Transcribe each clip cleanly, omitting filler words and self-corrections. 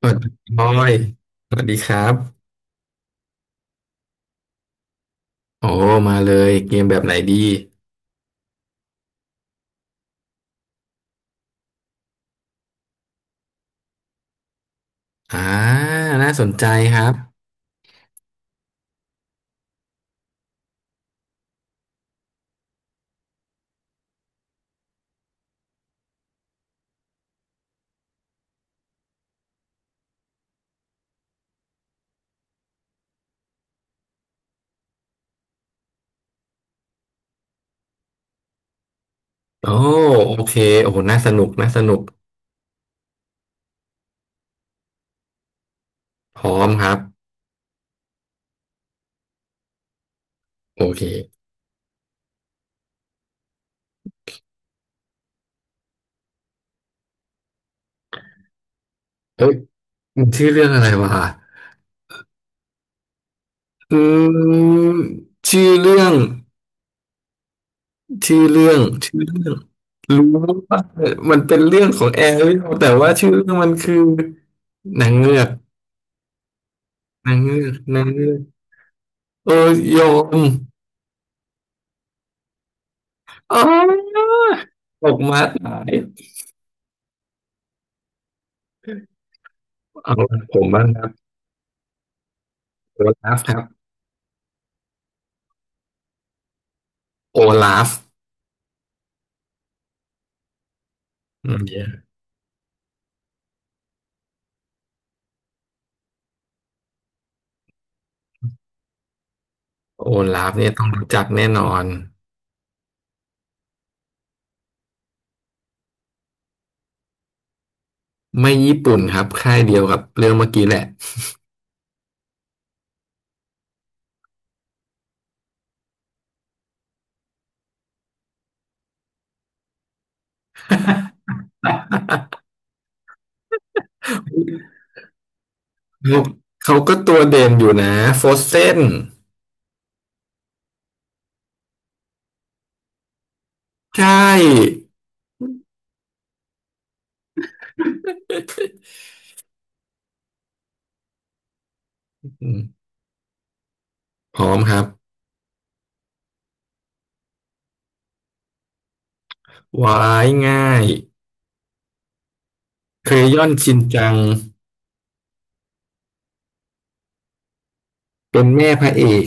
สวัสดีบอยสวัสดีครับโอ้มาเลยเกมแบบไหนดีอ่าน่าสนใจครับโอ้โอเคโอ้โหน่าสนุกน่าสนุกพร้อมครับโอเคเอ้ยมันชื่อเรื่องอะไรวะอืมชื่อเรื่องชื่อเรื่องชื่อเรื่องรู้ว่ามันเป็นเรื่องของแอร์แต่ว่าชื่อเรื่องมันคือนางเงือกนางเงือกนางเงือกเออยอมอ๋อตกมาตาย เอาผมบ้างครับโอลาฟครับโอลาฟเนี่ยโอลาฟเนี่ยต้องรู้จักแน่นอนไม่ญี่ปุ่นครับค่ายเดียวกับเรื่องเมื่อกี้แหละเขาเขาก็ตัวเด่นอยู่นะโฟเซนใช่อืมพร้อมครับวายง่ายเคยย่อนชินจังเป็นแม่พระเอก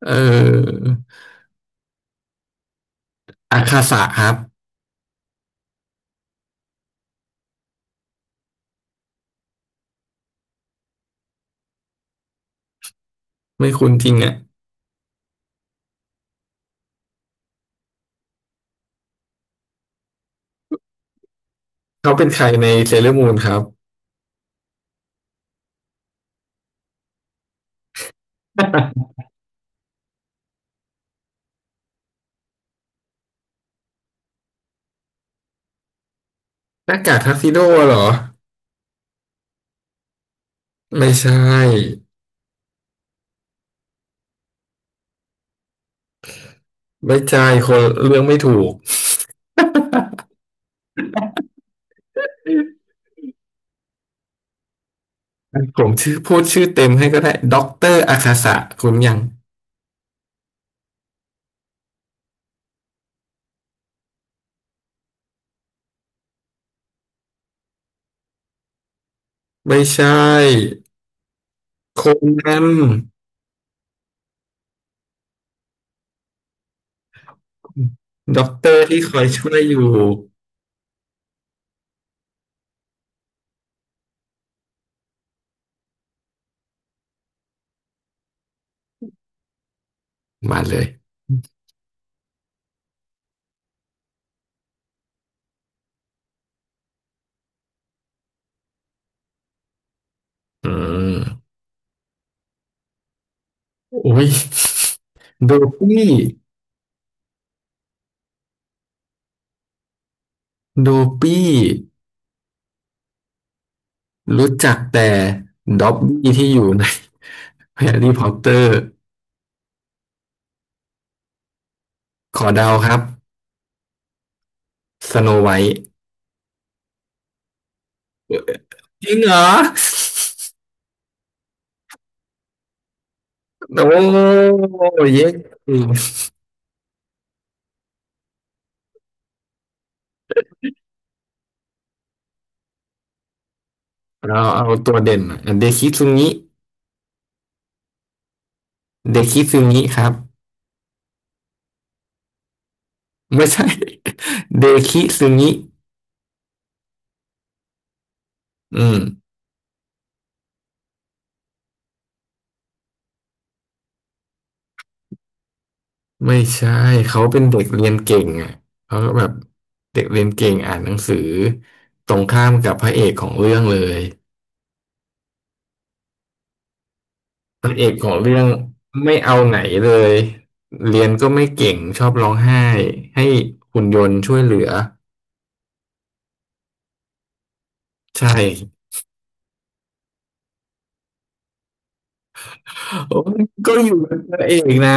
เอออาคาสะครับไม่คุ้นจริงอ่ะเขาเป็นใครในเซเลอร์มูนครับ หน้ากากทักซิโดเหรอไม่ใช่ ไว้ใจคนเรื่องไม่ถูกผมชื่อพูดชื่อเต็มให้ก็ได้ด็อกเตอร์อาคาสะคุณยังไม่ใช่คนนั้นด็อกเตอร์ที่คอยช่วยอยู่มาเลยอืมอุ้ยโดปี้โดปี้รู้จักแต่ด็อบบี้ที่อยู่ในแฮร์รี่พอตเตอร์ขอเดาครับสโนไวท์จริงเหรอโอ้เย้ เราเอาตัวเด่นเดคิซึงิเดคิซึงิครับไม่ใช่ เดคิซึงิอืมไม่ใช่เขาเป็นเด็กเรียนเก่งอ่ะเขาก็แบบเด็กเรียนเก่งอ่านหนังสือตรงข้ามกับพระเอกของเรื่องเลยพระเอกของเรื่องไม่เอาไหนเลยเรียนก็ไม่เก่งชอบร้องไห้ให้หุ่นยนต์ช่วยเหลือใช่โอ้ยก็อยู่เป็นพระเอกนะ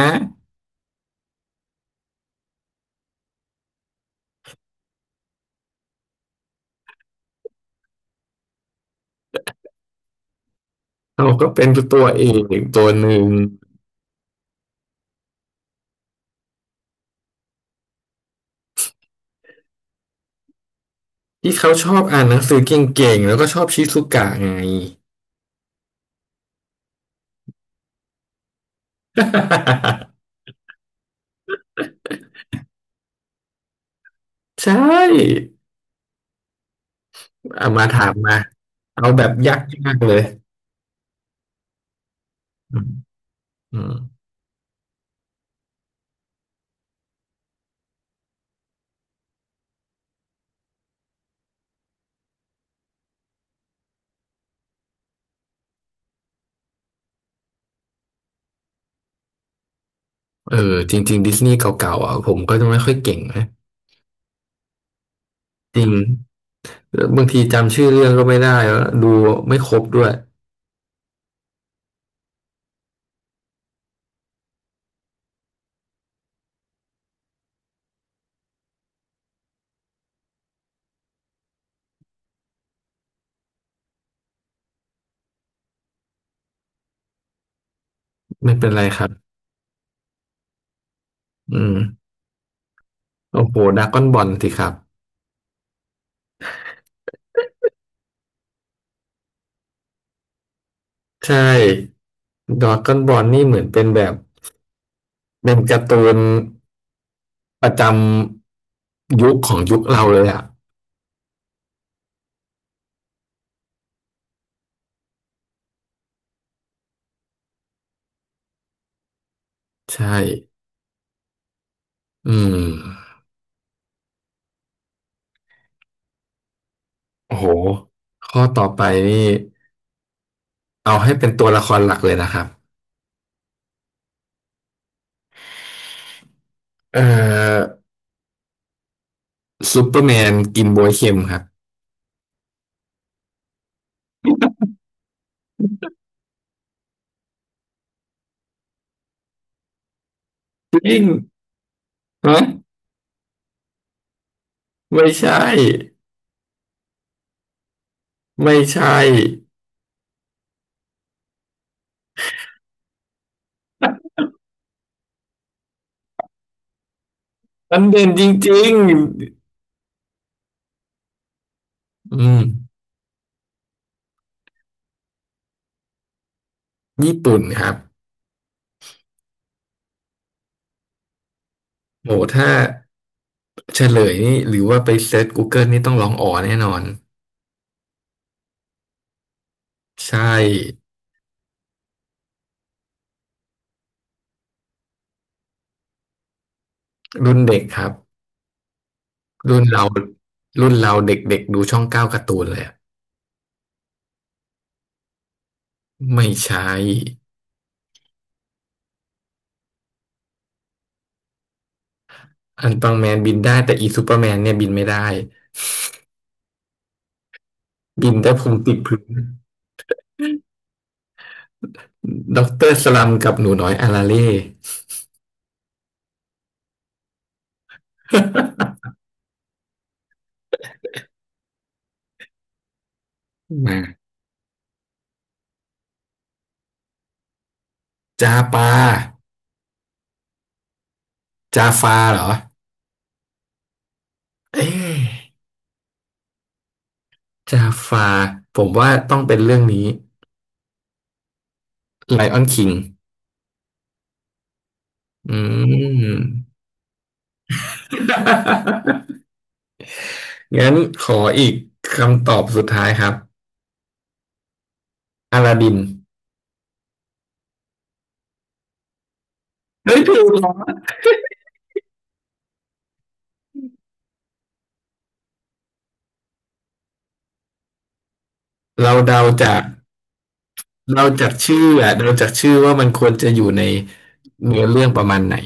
เราก็เป็นตัวเอกตัวหนึ่ง ที่เขาชอบอ่านหนังสือเก่งๆ แล้วก็ชอบชิซุกะไง ใช่เอามาถามมาเอาแบบยากๆเลยอืมอืมเออจริงๆดิสนีย์เก่าๆอ่ะผมก็จะไม่ค่อยเก่งนะจริงแล้วบางทีจำชื่อเรื่องก็ไม่ได้แล้วดูไม่ครบด้วยไม่เป็นไรครับอืมโอ้โหดราก้อนบอลสิครับใช่ดราก้อนบอลนี่เหมือนเป็นแบบเป็นการ์ตูนประจำยุคของยุคเราเลยอ่ะใช่ อืมโอ้โหข้อต่อไปนี่เอาให้เป็นตัวละครหลักเลยนะครับเอ่อซูเปอร์แมนกินบ๊วยเค็มครับจริงฮะไม่ใช่ไม่ใช่มันเด่นจริงๆอืมญี่ปุ่นครับโหถ้าเฉลยนี่หรือว่าไปเซิร์ช Google นี่ต้องร้องอ๋อแน่นอนใช่รุ่นเด็กครับรุ่นเรารุ่นเราเด็กๆดูช่องเก้าการ์ตูนเลยอะไม่ใช่ อันตองแมนบินได้แต่อีซูเปอร์แมนเนี่ยบินไม่ได้บินได้พุงติดพื้นด็อกเตอร์สลัมกับหนูน้อยอาราเล่ มาจาปาจาฟาเหรอเอ๊ะจาฟาผมว่าต้องเป็นเรื่องนี้ไลออนคิงอืม งั้นขออีกคำตอบสุดท้ายครับอลาดินเฮ้ยถูกเหรอเราเดาจาก เราจากชื่ออะเราจากชื่อว่ามันควรจะอยู่ในเนื้อเรื่องประมาณไหน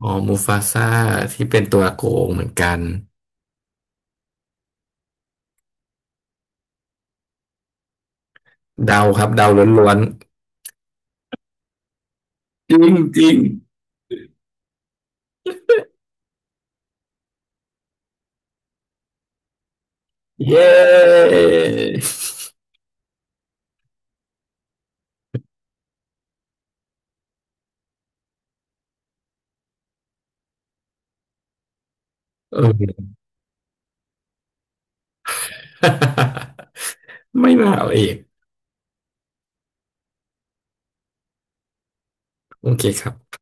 อ๋อมูฟาซ่าที่เป็นตัวโกงเหมือนกันเดาครับเดาล้วนๆจริงจริงเย้ เออ ไม่มาเอาเองโอเคครับ